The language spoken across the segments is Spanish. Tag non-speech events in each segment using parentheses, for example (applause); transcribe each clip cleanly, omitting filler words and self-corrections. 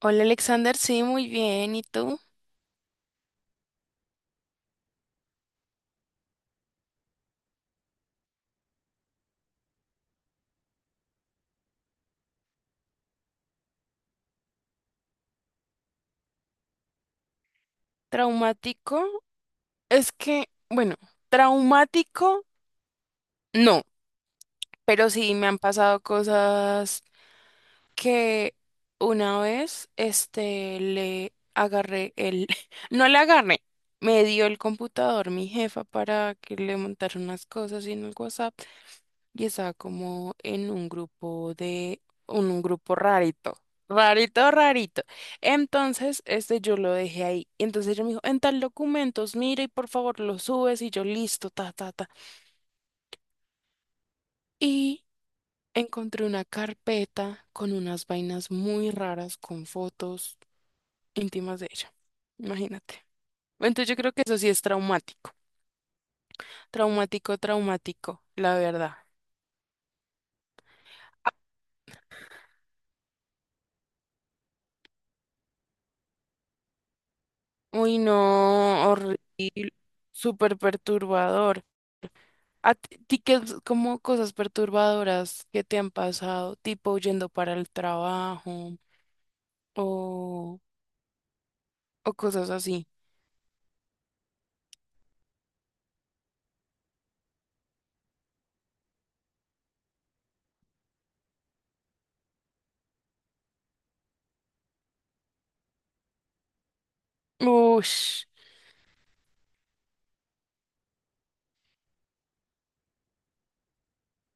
Hola Alexander, sí, muy bien. ¿Y tú? ¿Traumático? Es que, bueno, traumático no, pero sí me han pasado cosas que una vez, le agarré el, (laughs) no le agarré, me dio el computador mi jefa para que le montara unas cosas y en el WhatsApp. Y estaba como en un grupo de, un grupo rarito, rarito, rarito. Entonces, yo lo dejé ahí. Entonces ella me dijo, en tal documentos, mira y por favor lo subes y yo listo, ta, ta, ta. Y encontré una carpeta con unas vainas muy raras, con fotos íntimas de ella. Imagínate. Entonces yo creo que eso sí es traumático, traumático, traumático, la verdad. Uy, no, horrible, súper perturbador. ¿A ti qué es como cosas perturbadoras que te han pasado, tipo yendo para el trabajo o, o cosas así? Ush,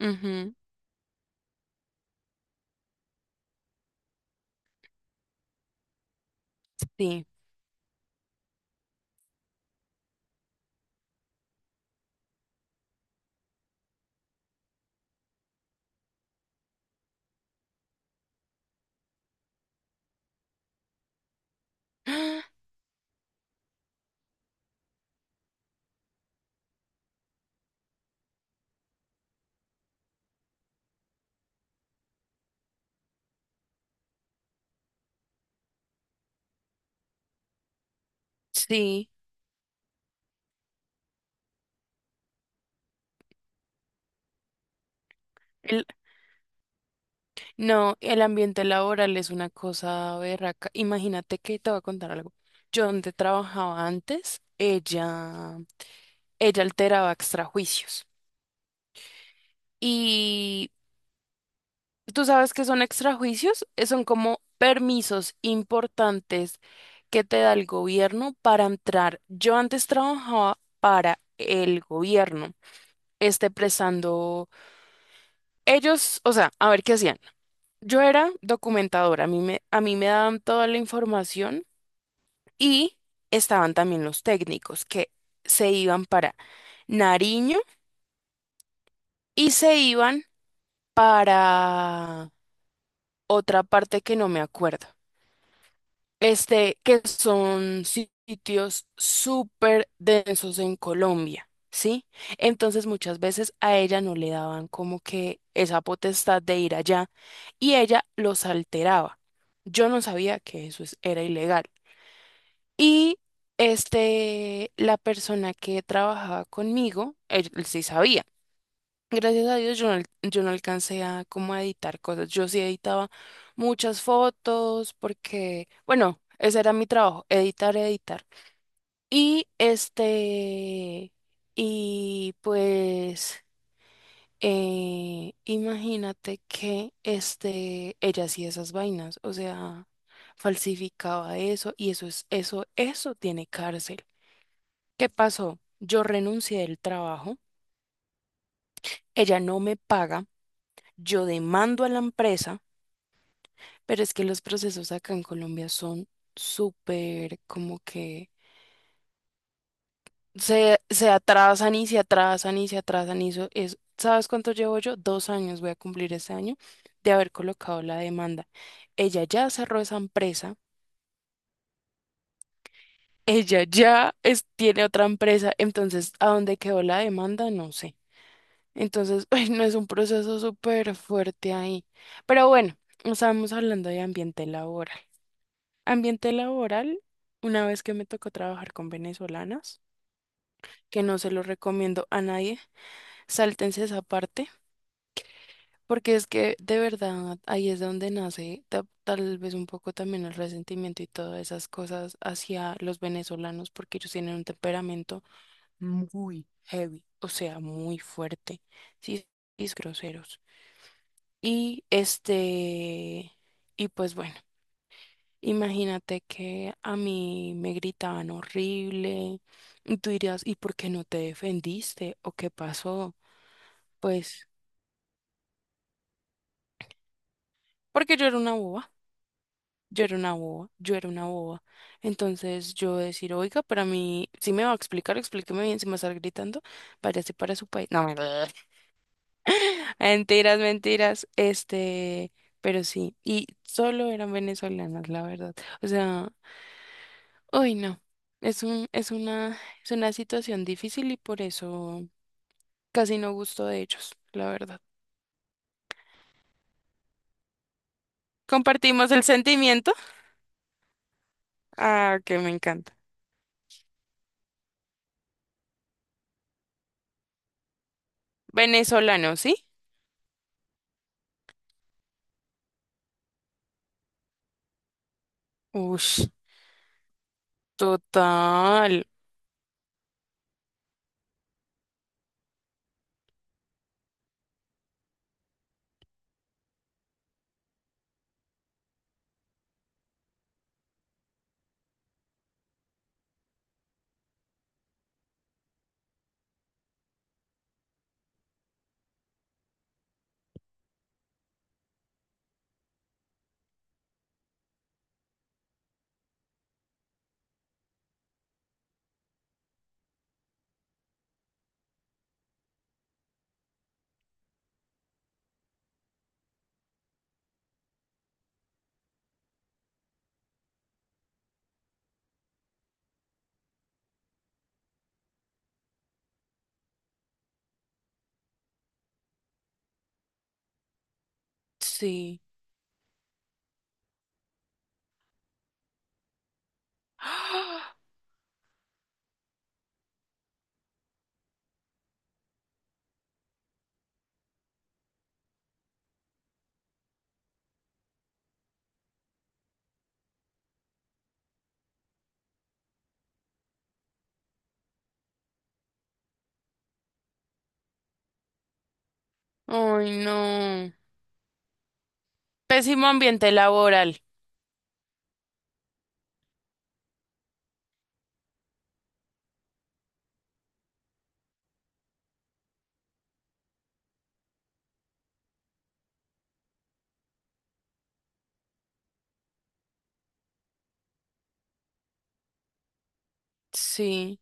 ujú, sí, (gasps) sí. El- no, el ambiente laboral es una cosa berraca. Imagínate que te voy a contar algo. Yo donde trabajaba antes, ella alteraba extrajuicios. Y ¿tú sabes que son extrajuicios? Son como permisos importantes que te da el gobierno para entrar. Yo antes trabajaba para el gobierno, prestando ellos, o sea, a ver qué hacían. Yo era documentadora, a mí me daban toda la información y estaban también los técnicos que se iban para Nariño y se iban para otra parte que no me acuerdo. Que son sitios súper densos en Colombia, ¿sí? Entonces muchas veces a ella no le daban como que esa potestad de ir allá y ella los alteraba. Yo no sabía que era ilegal. Y la persona que trabajaba conmigo, él sí sabía. Gracias a Dios yo no, yo no alcancé a como a editar cosas. Yo sí editaba muchas fotos porque, bueno, ese era mi trabajo, editar, editar. Y y pues, imagínate que ella hacía esas vainas, o sea, falsificaba eso y eso tiene cárcel. ¿Qué pasó? Yo renuncié del trabajo, ella no me paga, yo demando a la empresa. Pero es que los procesos acá en Colombia son súper como que se atrasan y se atrasan y se atrasan y eso es, ¿sabes cuánto llevo yo? Dos años, voy a cumplir este año de haber colocado la demanda. Ella ya cerró esa empresa, ella ya tiene otra empresa, entonces ¿a dónde quedó la demanda? No sé. Entonces, (laughs) ay, no es un proceso súper fuerte ahí. Pero bueno, no estábamos hablando de ambiente laboral. Ambiente laboral, una vez que me tocó trabajar con venezolanas, que no se lo recomiendo a nadie, sáltense esa parte, porque es que de verdad ahí es donde nace tal vez un poco también el resentimiento y todas esas cosas hacia los venezolanos, porque ellos tienen un temperamento muy heavy, o sea, muy fuerte, sí, y groseros. Y y pues bueno. Imagínate que a mí me gritaban horrible y tú dirías, ¿y por qué no te defendiste? ¿O qué pasó? Pues porque yo era una boba, yo era una boba, yo era una boba. Entonces yo decir, oiga, para mí, si me va a explicar, explíqueme bien, si me va a estar gritando, váyase para su país. No, (laughs) mentiras, mentiras, pero sí, y solo eran venezolanas, la verdad. O sea... Uy, no. Es una situación difícil y por eso casi no gusto de ellos, la verdad. Compartimos el sentimiento. Ah, que me encanta. Venezolano, ¿sí? Ush, total. Sí. (gasps) ¡Ah! Ay, no. Pésimo ambiente laboral. Sí.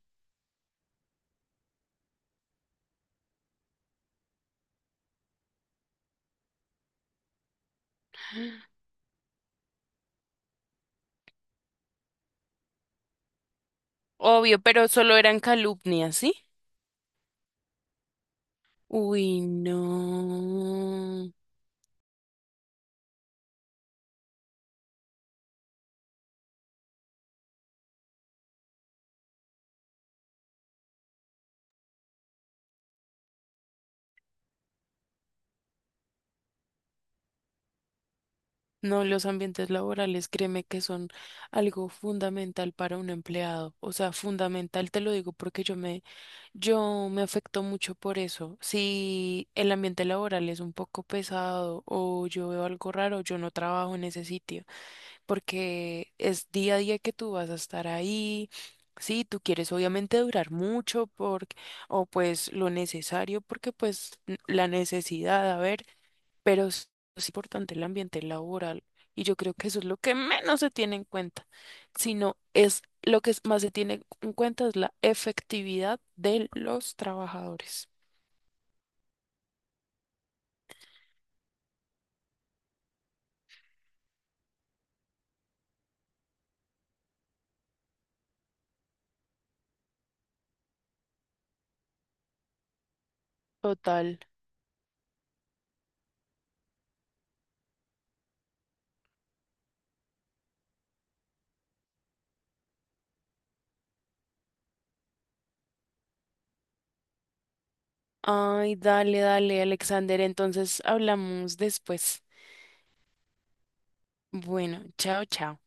Obvio, pero solo eran calumnias, ¿sí? Uy, no. No, los ambientes laborales, créeme que son algo fundamental para un empleado. O sea, fundamental te lo digo porque yo me afecto mucho por eso. Si el ambiente laboral es un poco pesado o yo veo algo raro, yo no trabajo en ese sitio porque es día a día que tú vas a estar ahí. Sí, tú quieres obviamente durar mucho por, o pues lo necesario porque pues la necesidad, a ver pero es importante el ambiente laboral y yo creo que eso es lo que menos se tiene en cuenta, sino es lo que más se tiene en cuenta es la efectividad de los trabajadores. Total. Ay, dale, dale, Alexander, entonces hablamos después. Bueno, chao, chao.